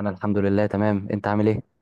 انا الحمد لله تمام. انت عامل ايه؟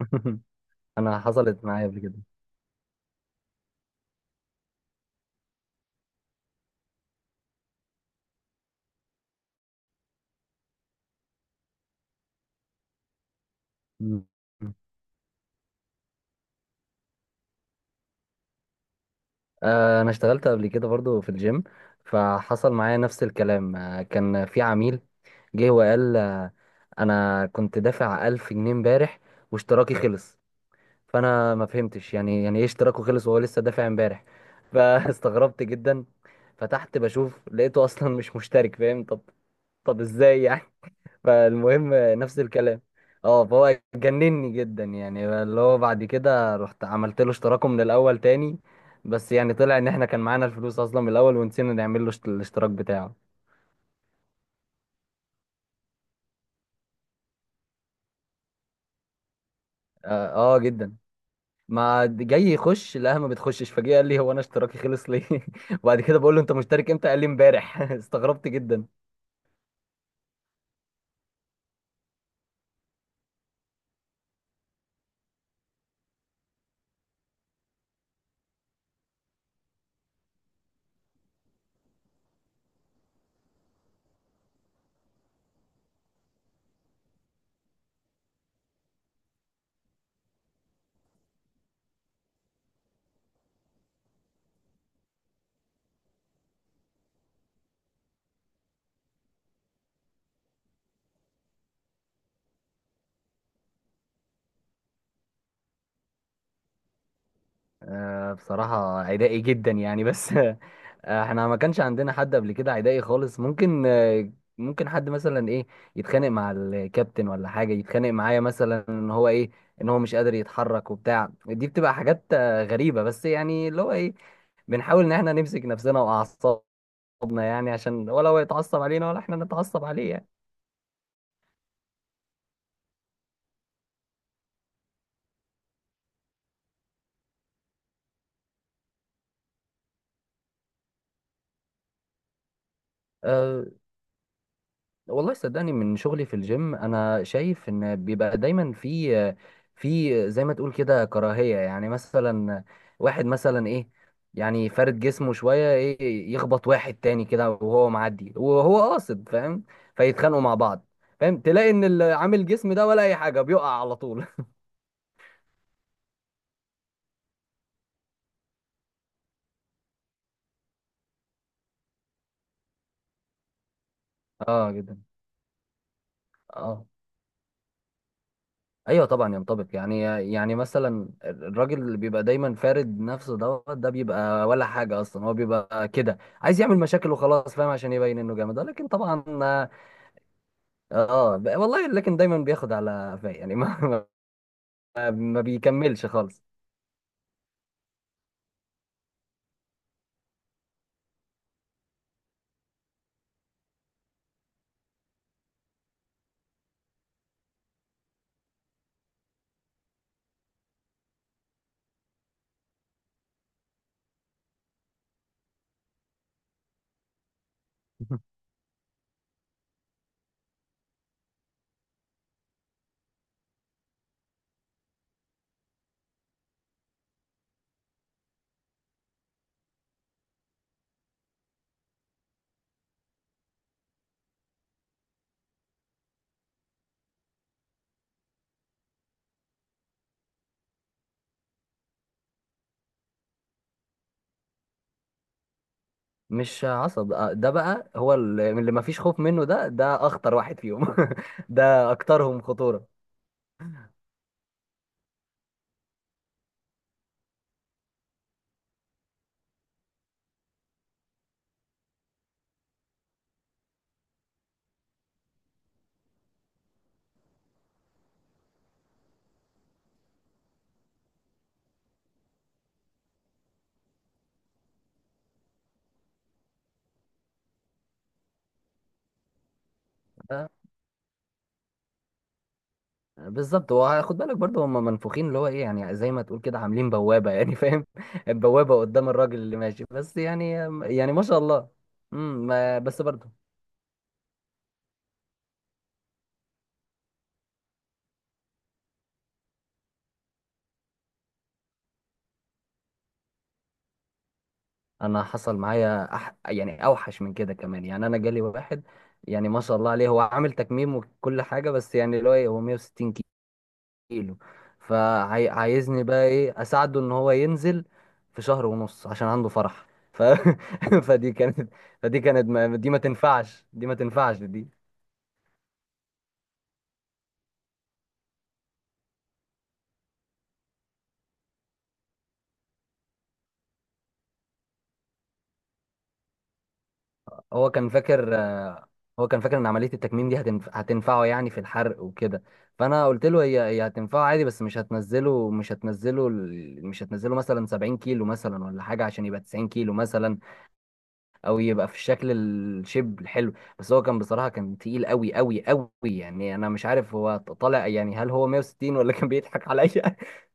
انا حصلت معايا قبل كده. مم. آه، انا اشتغلت قبل كده برضو في الجيم، فحصل معايا نفس الكلام. آه، كان في عميل جه وقال آه، انا كنت دافع 1000 جنيه امبارح واشتراكي خلص. فانا ما فهمتش يعني ايه اشتراكه خلص وهو لسه دافع امبارح. فاستغربت جدا، فتحت بشوف لقيته اصلا مش مشترك، فاهم؟ طب ازاي يعني؟ فالمهم نفس الكلام. اه، فهو جنني جدا، يعني اللي هو بعد كده رحت عملت له اشتراكه من الاول تاني، بس يعني طلع ان احنا كان معانا الفلوس اصلا من الاول ونسينا نعمل له الاشتراك بتاعه. اه, آه جدا. ما د- جاي يخش، لا ما بتخشش فجأة، قال لي هو انا اشتراكي خلص ليه؟ وبعد كده بقول له انت مشترك امتى؟ قال لي امبارح. استغربت جدا. آه، بصراحة عدائي جدا يعني بس. آه، احنا ما كانش عندنا حد قبل كده عدائي خالص. ممكن آه، ممكن حد مثلا ايه يتخانق مع الكابتن ولا حاجة، يتخانق معايا مثلا ان هو ايه، ان هو مش قادر يتحرك وبتاع. دي بتبقى حاجات آه، غريبة، بس يعني اللي هو ايه بنحاول ان احنا نمسك نفسنا واعصابنا، يعني عشان ولا هو يتعصب علينا ولا احنا نتعصب عليه يعني. آه، والله صدقني من شغلي في الجيم انا شايف ان بيبقى دايما في في زي ما تقول كده كراهية. يعني مثلا واحد مثلا ايه، يعني فارد جسمه شوية ايه، يخبط واحد تاني كده وهو معدي وهو قاصد، فاهم؟ فيتخانقوا مع بعض. فاهم؟ تلاقي ان اللي عامل جسم ده ولا اي حاجة بيقع على طول. اه جدا. اه ايوه طبعا ينطبق يعني. يعني مثلا الراجل اللي بيبقى دايما فارد نفسه دوت ده بيبقى ولا حاجه اصلا، هو بيبقى كده عايز يعمل مشاكل وخلاص، فاهم؟ عشان يبين انه جامد، لكن طبعا اه آه، والله لكن دايما بياخد على قفاه يعني ما, ما بيكملش خالص. مش عصب آه، ده بقى هو اللي ما فيش خوف منه، ده ده اخطر واحد فيهم. ده اكترهم خطوره. بالظبط. هو خد بالك برضه، هم منفوخين اللي هو ايه، يعني زي ما تقول كده عاملين بوابة، يعني فاهم؟ بوابة قدام الراجل اللي ماشي بس يعني. يعني ما شاء الله. بس برضه انا حصل معايا أح، يعني اوحش من كده كمان. يعني انا جالي واحد، يعني ما شاء الله عليه، هو عامل تكميم وكل حاجة، بس يعني اللي هو ايه هو 160 كيلو. فعايزني بقى ايه اساعده ان هو ينزل في شهر ونص عشان عنده فرح. ف... فدي كانت، فدي كانت ما... دي ما تنفعش، دي ما تنفعش دي. هو كان فاكر آه، هو كان فاكر ان عمليه التكميم دي هتنفعه يعني في الحرق وكده. فانا قلت له هي هتنفعه عادي، بس مش هتنزله مثلا 70 كيلو مثلا ولا حاجه، عشان يبقى 90 كيلو مثلا، او يبقى في الشكل الشيب الحلو. بس هو كان بصراحه كان تقيل قوي قوي قوي، يعني انا مش عارف هو طالع، يعني هل هو 160 ولا كان بيضحك عليا.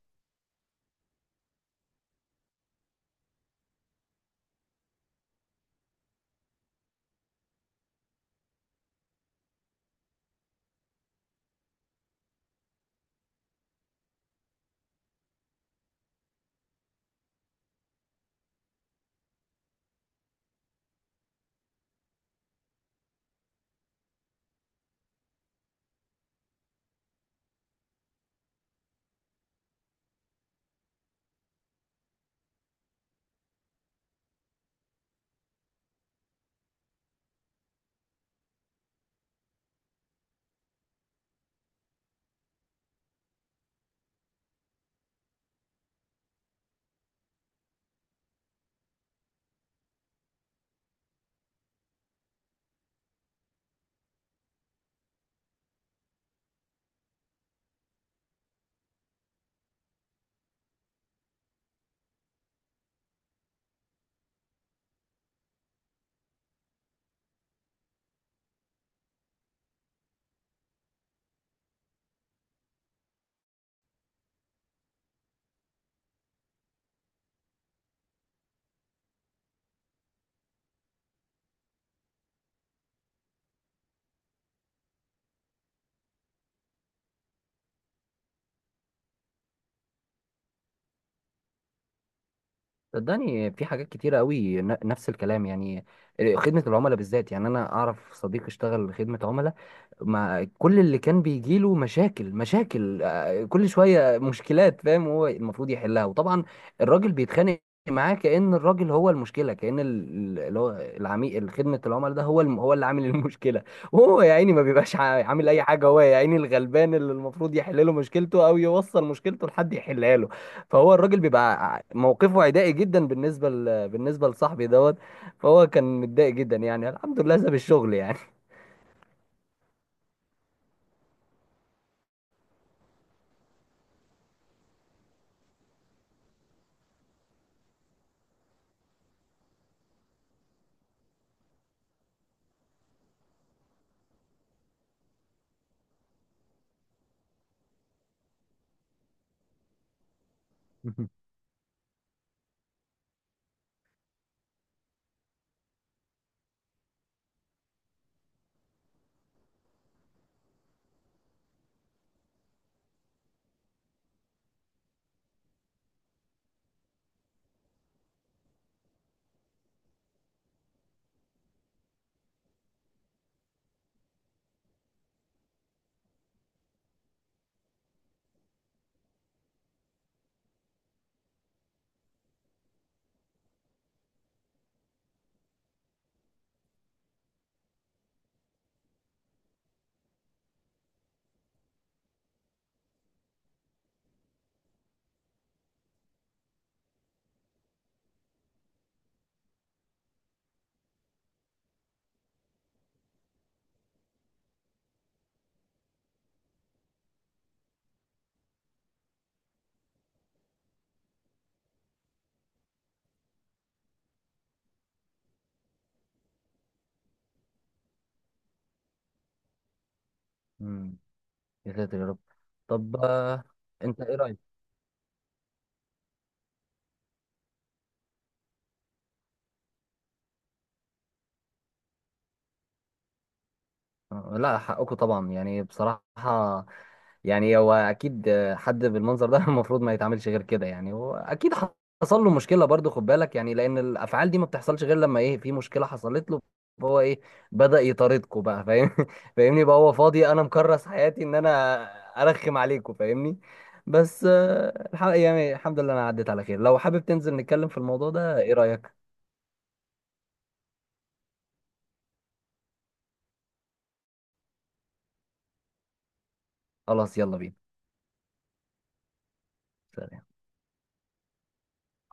صدقني في حاجات كتيره قوي، نفس الكلام يعني. خدمه العملاء بالذات، يعني انا اعرف صديق اشتغل خدمه عملاء مع كل اللي كان بيجيله مشاكل، آه، كل شوية مشكلات، فاهم؟ هو المفروض يحلها، وطبعا الراجل بيتخانق معاه كأن الراجل هو المشكلة، كأن اللي هو العميل، خدمة العملاء ده هو هو اللي عامل المشكلة. وهو يا عيني ما بيبقاش عامل أي حاجة، هو يا عيني الغلبان اللي المفروض يحل له مشكلته أو يوصل مشكلته لحد يحلها له. فهو الراجل بيبقى موقفه عدائي جدا بالنسبة بالنسبة لصاحبي دوت. فهو كان متضايق جدا، يعني الحمد لله ساب الشغل يعني. يا ساتر يا رب. طب آه، انت ايه رايك؟ آه، لا حقكم طبعا يعني بصراحه. يعني هو اكيد آه، حد بالمنظر ده المفروض ما يتعاملش غير كده يعني. هو اكيد حصل له مشكله برضو، خد بالك يعني، لان الافعال دي ما بتحصلش غير لما ايه، في مشكله حصلت له، فهو ايه بدا يطاردكم بقى، فاهم؟ فاهمني؟ بقى هو فاضي، انا مكرس حياتي ان انا ارخم عليكم، فاهمني؟ بس آه، الحق يعني، الحمد لله انا عديت على خير. لو حابب تنزل نتكلم في الموضوع ده، ايه رايك؟ خلاص يلا بينا. سلام.